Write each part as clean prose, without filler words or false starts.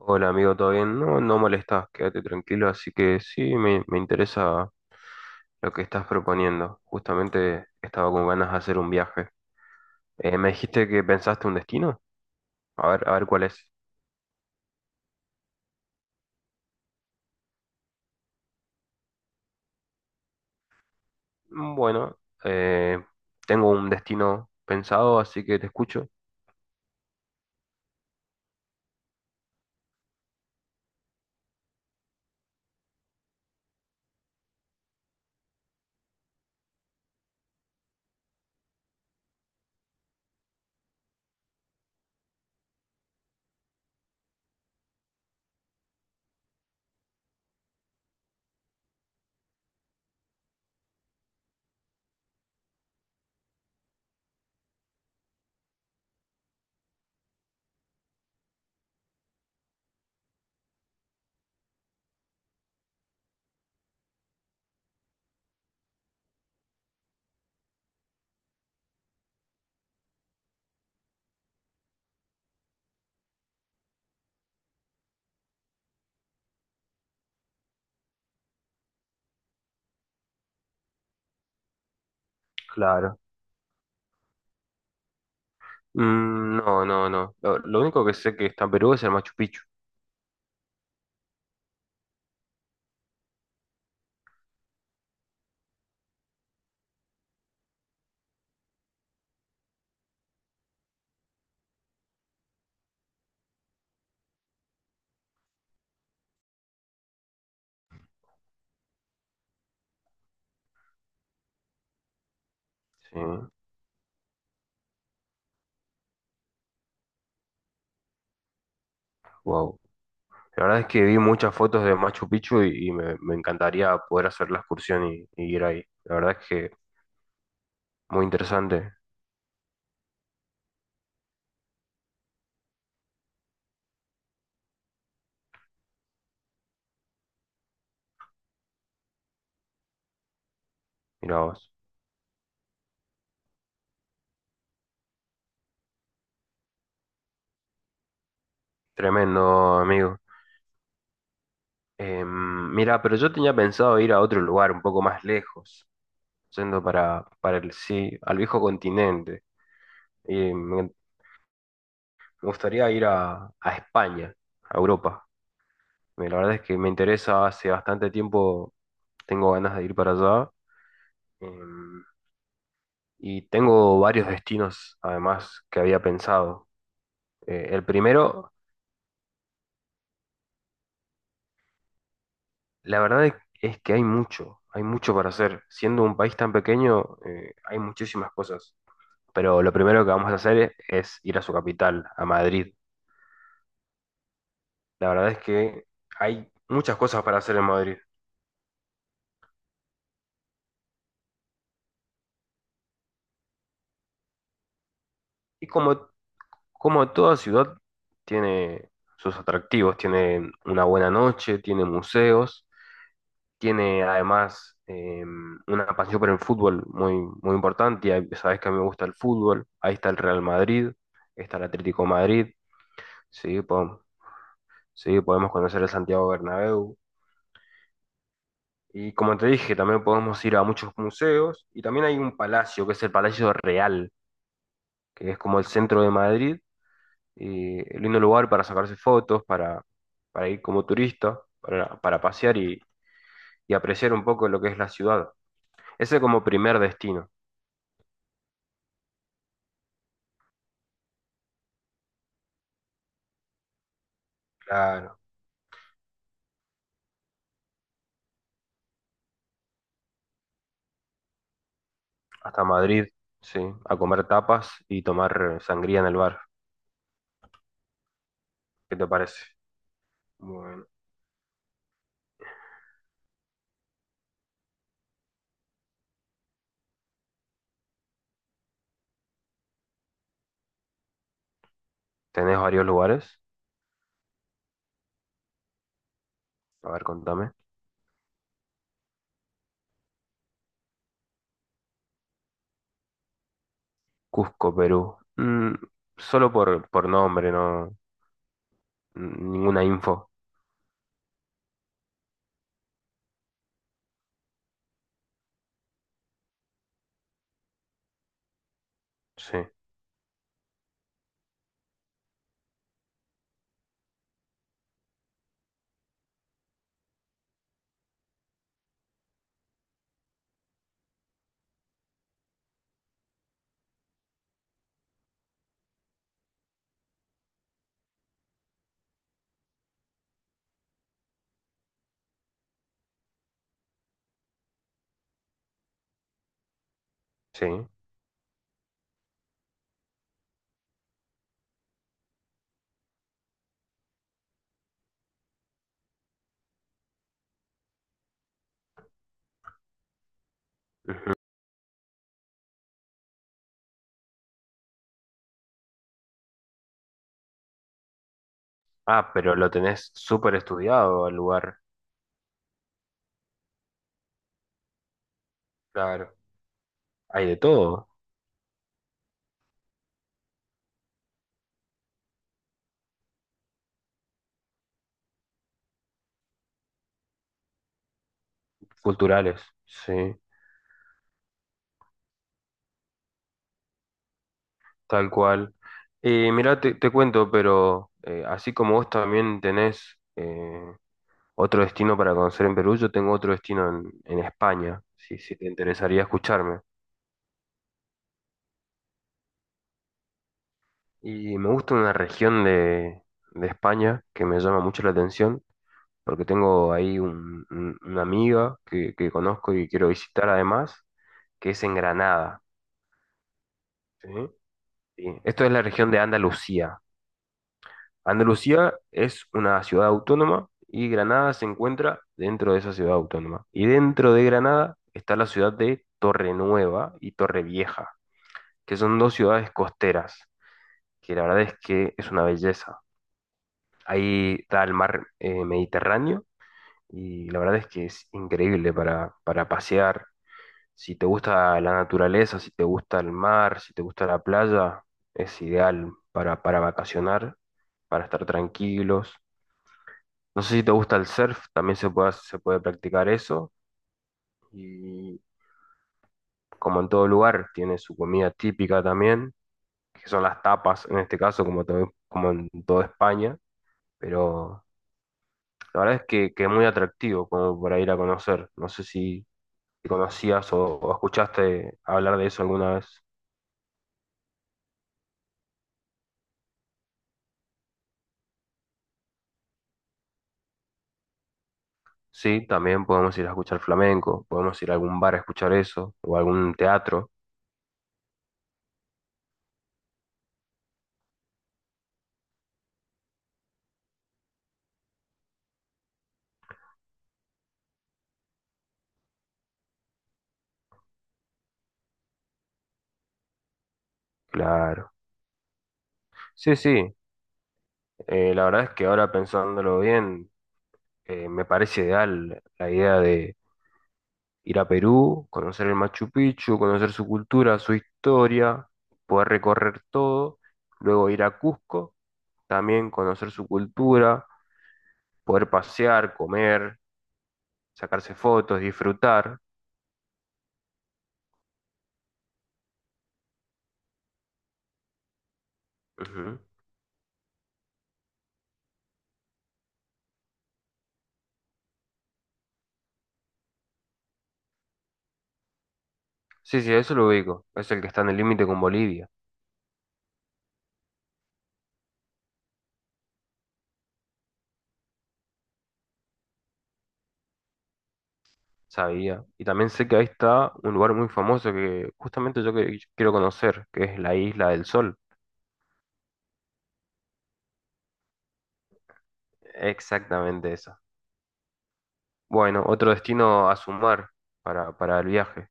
Hola amigo, ¿todo bien? No, no molestás, quédate tranquilo, así que sí, me interesa lo que estás proponiendo. Justamente estaba con ganas de hacer un viaje. ¿Me dijiste que pensaste un destino? A ver cuál es. Mm, bueno, eh, tengo un destino pensado, así que te escucho. Claro. Mm, no, no, no. Lo único que sé que está en Perú es el Machu Picchu. Sí, wow. La verdad es que vi muchas fotos de Machu Picchu y me encantaría poder hacer la excursión y ir ahí. La verdad es que muy interesante. Mira vos. Tremendo, amigo. Em, mira, pero yo tenía pensado ir a otro lugar un poco más lejos, yendo para el sí, al viejo continente. Y me gustaría ir a España, a Europa. La verdad es que me interesa, hace bastante tiempo tengo ganas de ir para allá. em, y tengo varios destinos, además, que había pensado. El primero. La verdad es que hay mucho para hacer. Siendo un país tan pequeño, hay muchísimas cosas. Pero lo primero que vamos a hacer es ir a su capital, a Madrid. La verdad es que hay muchas cosas para hacer en Madrid. Y como, como toda ciudad tiene sus atractivos, tiene una buena noche, tiene museos, tiene además una pasión por el fútbol muy, muy importante. Y sabes que a mí me gusta el fútbol. Ahí está el Real Madrid, está el Atlético de Madrid. Sí, podemos, sí, podemos conocer el Santiago Bernabéu. Y como te dije, también podemos ir a muchos museos. Y también hay un palacio, que es el Palacio Real, que es como el centro de Madrid. Y el lindo lugar para sacarse fotos, para ir como turista, para pasear y apreciar un poco lo que es la ciudad. Ese como primer destino. Claro, hasta Madrid, sí, a comer tapas y tomar sangría en el bar. ¿Qué te parece? Bueno, ¿tenés varios lugares? A ver, contame. Cusco, Perú. Mm, solo por nombre, no. Ninguna info. Sí, sí. Ah, pero lo tenés súper estudiado al lugar. Claro. Hay de todo. Culturales. Sí, tal cual. Mirá, te cuento, pero así como vos también tenés otro destino para conocer en Perú, yo tengo otro destino en España, si, si te interesaría escucharme. Y me gusta una región de España que me llama mucho la atención porque tengo ahí una amiga que conozco y quiero visitar además, que es en Granada, ¿sí? Sí. Esto es la región de Andalucía. Andalucía es una ciudad autónoma y Granada se encuentra dentro de esa ciudad autónoma. Y dentro de Granada está la ciudad de Torrenueva y Torrevieja, que son dos ciudades costeras, que la verdad es que es una belleza. Ahí está el mar Mediterráneo y la verdad es que es increíble para pasear. Si te gusta la naturaleza, si te gusta el mar, si te gusta la playa, es ideal para vacacionar, para estar tranquilos. No sé si te gusta el surf, también se puede, se puede practicar eso. Y como en todo lugar, tiene su comida típica también, que son las tapas en este caso, como, como en toda España. Pero la verdad es que es muy atractivo como para ir a conocer. No sé si si conocías o escuchaste hablar de eso alguna vez. Sí, también podemos ir a escuchar flamenco, podemos ir a algún bar a escuchar eso, o a algún teatro, claro. Sí, sí, la verdad es que ahora pensándolo bien, me parece ideal la idea de ir a Perú, conocer el Machu Picchu, conocer su cultura, su historia, poder recorrer todo, luego ir a Cusco, también conocer su cultura, poder pasear, comer, sacarse fotos, disfrutar. Ujú. Sí, sí, eso lo ubico, es el que está en el límite con Bolivia. Sabía. Y también sé que ahí está un lugar muy famoso que justamente yo quiero conocer, que es la Isla del Sol. Exactamente esa. Bueno, otro destino a sumar para el viaje.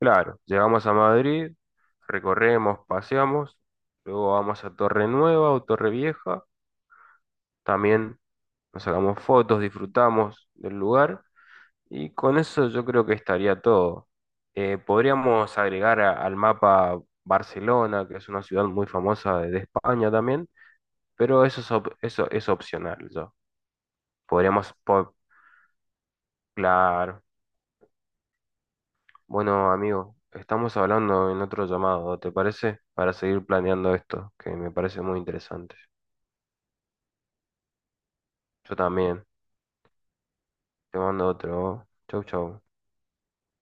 Claro, llegamos a Madrid, recorremos, paseamos, luego vamos a Torre Nueva o Torre Vieja. También nos sacamos fotos, disfrutamos del lugar. Y con eso yo creo que estaría todo. Podríamos agregar al mapa Barcelona, que es una ciudad muy famosa de España también, pero eso es, eso es opcional ya. Podríamos, po- claro. Bueno, amigo, estamos hablando en otro llamado, ¿te parece? Para seguir planeando esto, que me parece muy interesante. Yo también. Te mando otro. Chau, chau.